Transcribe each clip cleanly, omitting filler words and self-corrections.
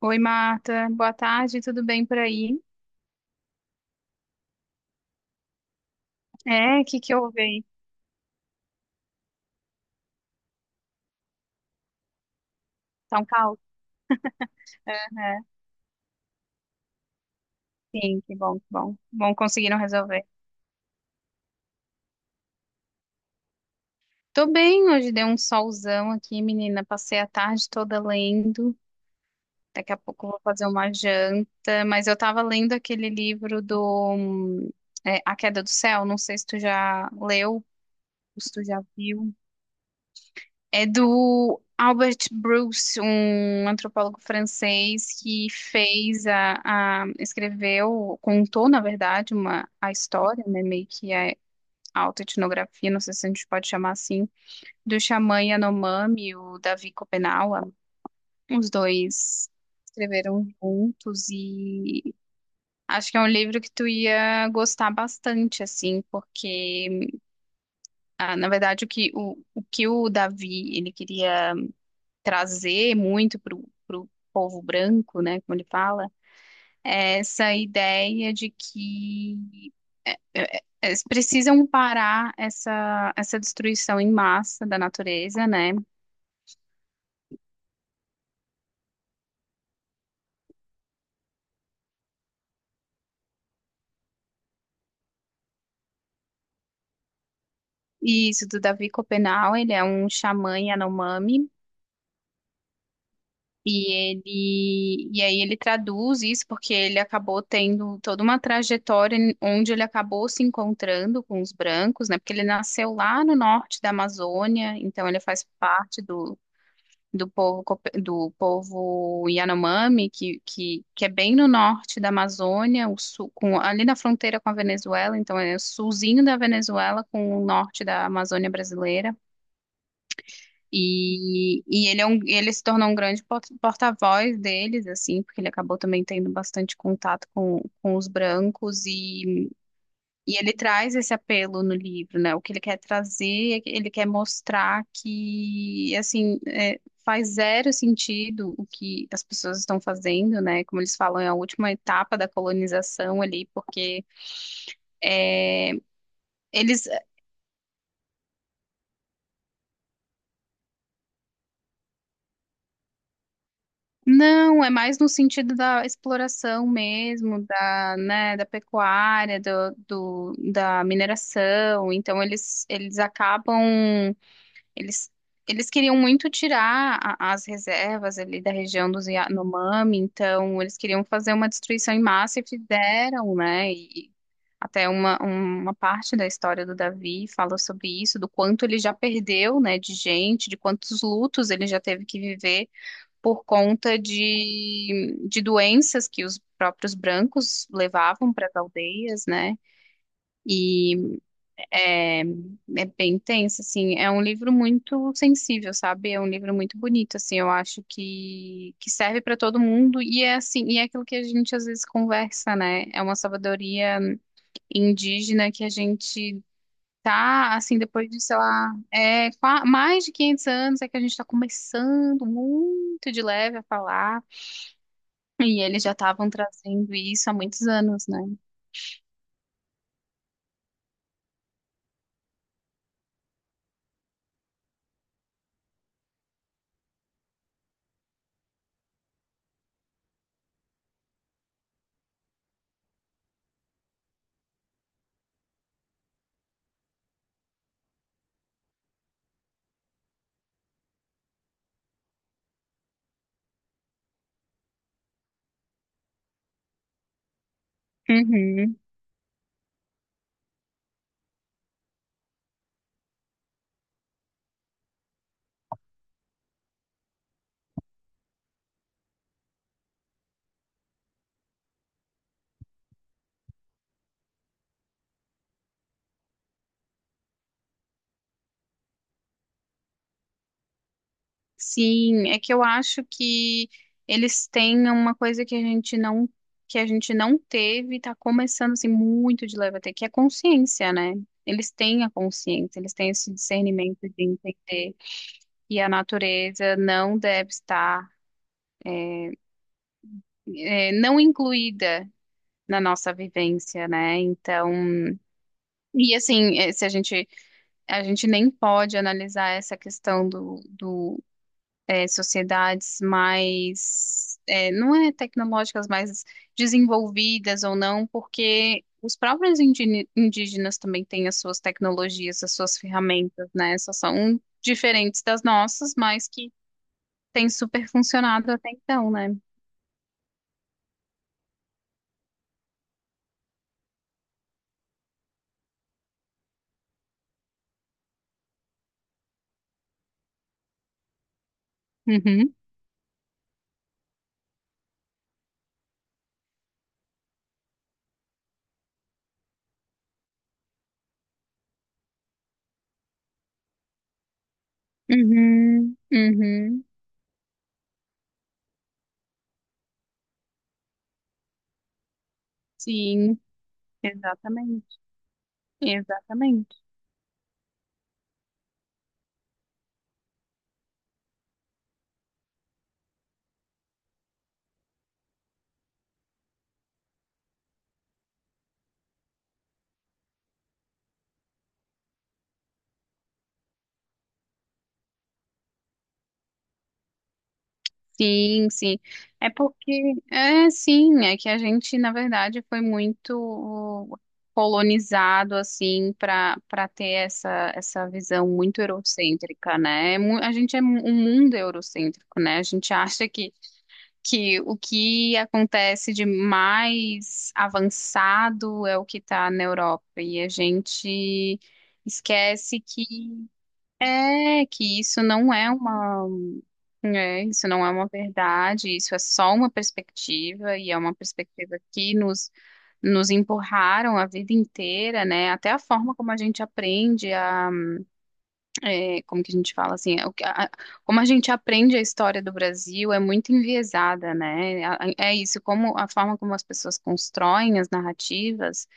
Oi, Marta. Boa tarde, tudo bem por aí? É, o que que houve aí? Tá um caos? Aham. Sim, que bom, que bom. Bom, conseguiram resolver. Tô bem, hoje deu um solzão aqui, menina. Passei a tarde toda lendo. Daqui a pouco eu vou fazer uma janta, mas eu tava lendo aquele livro do é, A Queda do Céu. Não sei se tu já leu, se tu já viu. É do Albert Bruce, um antropólogo francês que fez escreveu, contou, na verdade, uma a história, né, meio que a autoetnografia, não sei se a gente pode chamar assim, do xamã Yanomami, o Davi Kopenawa. Os dois escreveram juntos e acho que é um livro que tu ia gostar bastante, assim, porque na verdade, o que o Davi ele queria trazer muito para o povo branco, né, como ele fala, é essa ideia de que eles precisam parar essa destruição em massa da natureza, né? E isso do Davi Copenau, ele é um xamã Yanomami. E ele, e aí ele traduz isso porque ele acabou tendo toda uma trajetória onde ele acabou se encontrando com os brancos, né? Porque ele nasceu lá no norte da Amazônia, então ele faz parte do, do povo Yanomami, que é bem no norte da Amazônia, o sul, com, ali na fronteira com a Venezuela, então é o sulzinho da Venezuela com o norte da Amazônia brasileira. E ele, é um, ele se tornou um grande porta-voz deles, assim, porque ele acabou também tendo bastante contato com os brancos e ele traz esse apelo no livro, né? O que ele quer trazer, é que ele quer mostrar que, assim, é, faz zero sentido o que as pessoas estão fazendo, né? Como eles falam, é a última etapa da colonização ali, porque é, eles não, é mais no sentido da exploração mesmo, da, né, da pecuária, da mineração. Então eles acabam Eles, eles queriam muito tirar as reservas ali da região dos Yanomami, então eles queriam fazer uma destruição em massa e fizeram, né? E até uma parte da história do Davi fala sobre isso, do quanto ele já perdeu, né, de gente, de quantos lutos ele já teve que viver por conta de doenças que os próprios brancos levavam para as aldeias, né? E é, é bem tenso, assim. É um livro muito sensível, sabe? É um livro muito bonito, assim. Eu acho que serve para todo mundo e é assim, e é aquilo que a gente às vezes conversa, né? É uma sabedoria indígena que a gente tá, assim, depois de, sei lá, mais de 500 anos é que a gente está começando muito de leve a falar e eles já estavam trazendo isso há muitos anos, né? Uhum. Sim, é que eu acho que eles têm uma coisa que a gente não, que a gente não teve e tá começando assim muito de leve até que é consciência, né? Eles têm a consciência, eles têm esse discernimento de entender que a natureza não deve estar não incluída na nossa vivência, né? Então, e assim, se a gente nem pode analisar essa questão do é, sociedades mais, é, não é tecnológicas, mais desenvolvidas ou não, porque os próprios indígenas também têm as suas tecnologias, as suas ferramentas, né? Só são diferentes das nossas, mas que têm super funcionado até então, né? Uhum, uhum, uhum. Sim, exatamente, exatamente. Sim, sim. É porque, é sim, é que a gente, na verdade, foi muito colonizado, assim, para ter essa, essa visão muito eurocêntrica, né? É mu- A gente é mu- um mundo eurocêntrico, né? A gente acha que o que acontece de mais avançado é o que está na Europa, e a gente esquece que é que isso não é uma, é, isso não é uma verdade, isso é só uma perspectiva e é uma perspectiva que nos empurraram a vida inteira, né? Até a forma como a gente aprende é, como que a gente fala assim, é o que- a- como a gente aprende a história do Brasil é muito enviesada, né? É isso, como a forma como as pessoas constroem as narrativas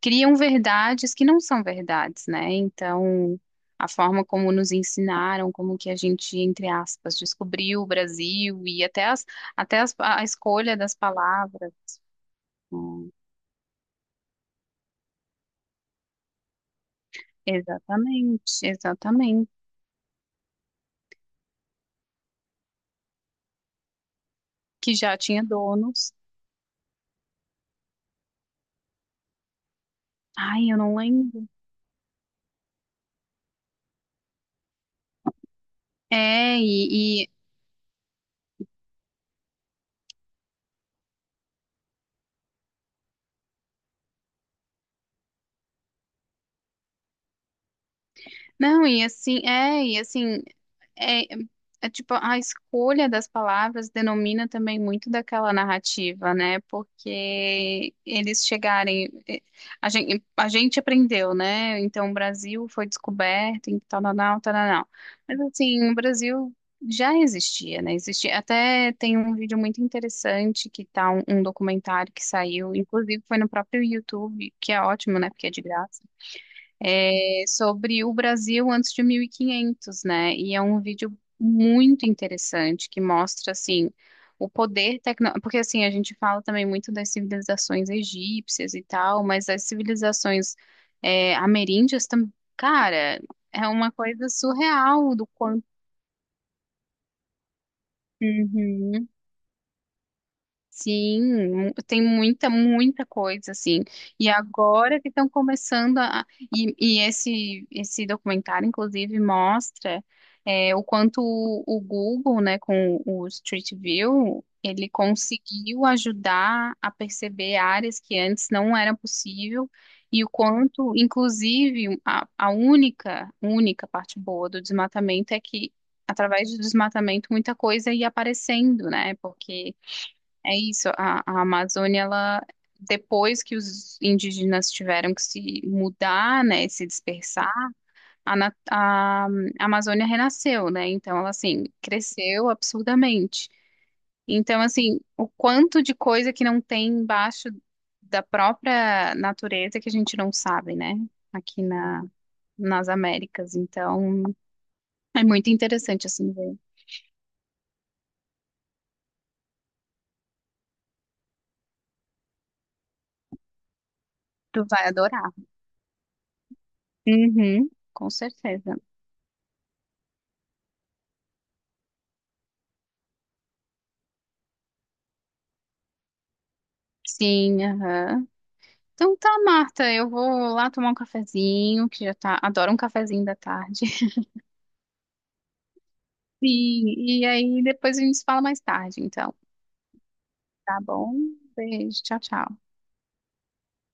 criam verdades que não são verdades, né? Então, a forma como nos ensinaram, como que a gente, entre aspas, descobriu o Brasil e até as, a escolha das palavras. Hum, exatamente, exatamente. Que já tinha donos. Ai, eu não lembro. É, e, não, e assim, é, é tipo, a escolha das palavras denomina também muito daquela narrativa, né? Porque eles chegarem, a gente aprendeu, né? Então, o Brasil foi descoberto em tal, tal, tal, tal, tal. Mas assim, o Brasil já existia, né? Existia, até tem um vídeo muito interessante que tá um, um documentário que saiu, inclusive foi no próprio YouTube, que é ótimo, né? Porque é de graça é, sobre o Brasil antes de 1500, né? E é um vídeo muito interessante que mostra, assim, o poder tecnológico. Porque, assim, a gente fala também muito das civilizações egípcias e tal, mas as civilizações é, ameríndias também. Cara, é uma coisa surreal do quanto. Uhum. Sim, mu- tem muita, muita coisa, assim. E agora que estão começando a. E esse documentário, inclusive, mostra é, o quanto o Google, né, com o Street View, ele conseguiu ajudar a perceber áreas que antes não era possível, e o quanto, inclusive, a única, única parte boa do desmatamento é que, através do desmatamento, muita coisa ia aparecendo, né? Porque é isso, a Amazônia, ela, depois que os indígenas tiveram que se mudar, né, e se dispersar, a Amazônia renasceu, né? Então, ela, assim, cresceu absurdamente. Então, assim, o quanto de coisa que não tem embaixo da própria natureza que a gente não sabe, né? Aqui na, nas Américas. Então, é muito interessante, assim, ver. Tu vai adorar. Uhum, com certeza. Sim, aham. Então tá, Marta, eu vou lá tomar um cafezinho, que já tá, adoro um cafezinho da tarde. Sim, e aí depois a gente se fala mais tarde, então. Tá bom? Beijo, tchau, tchau.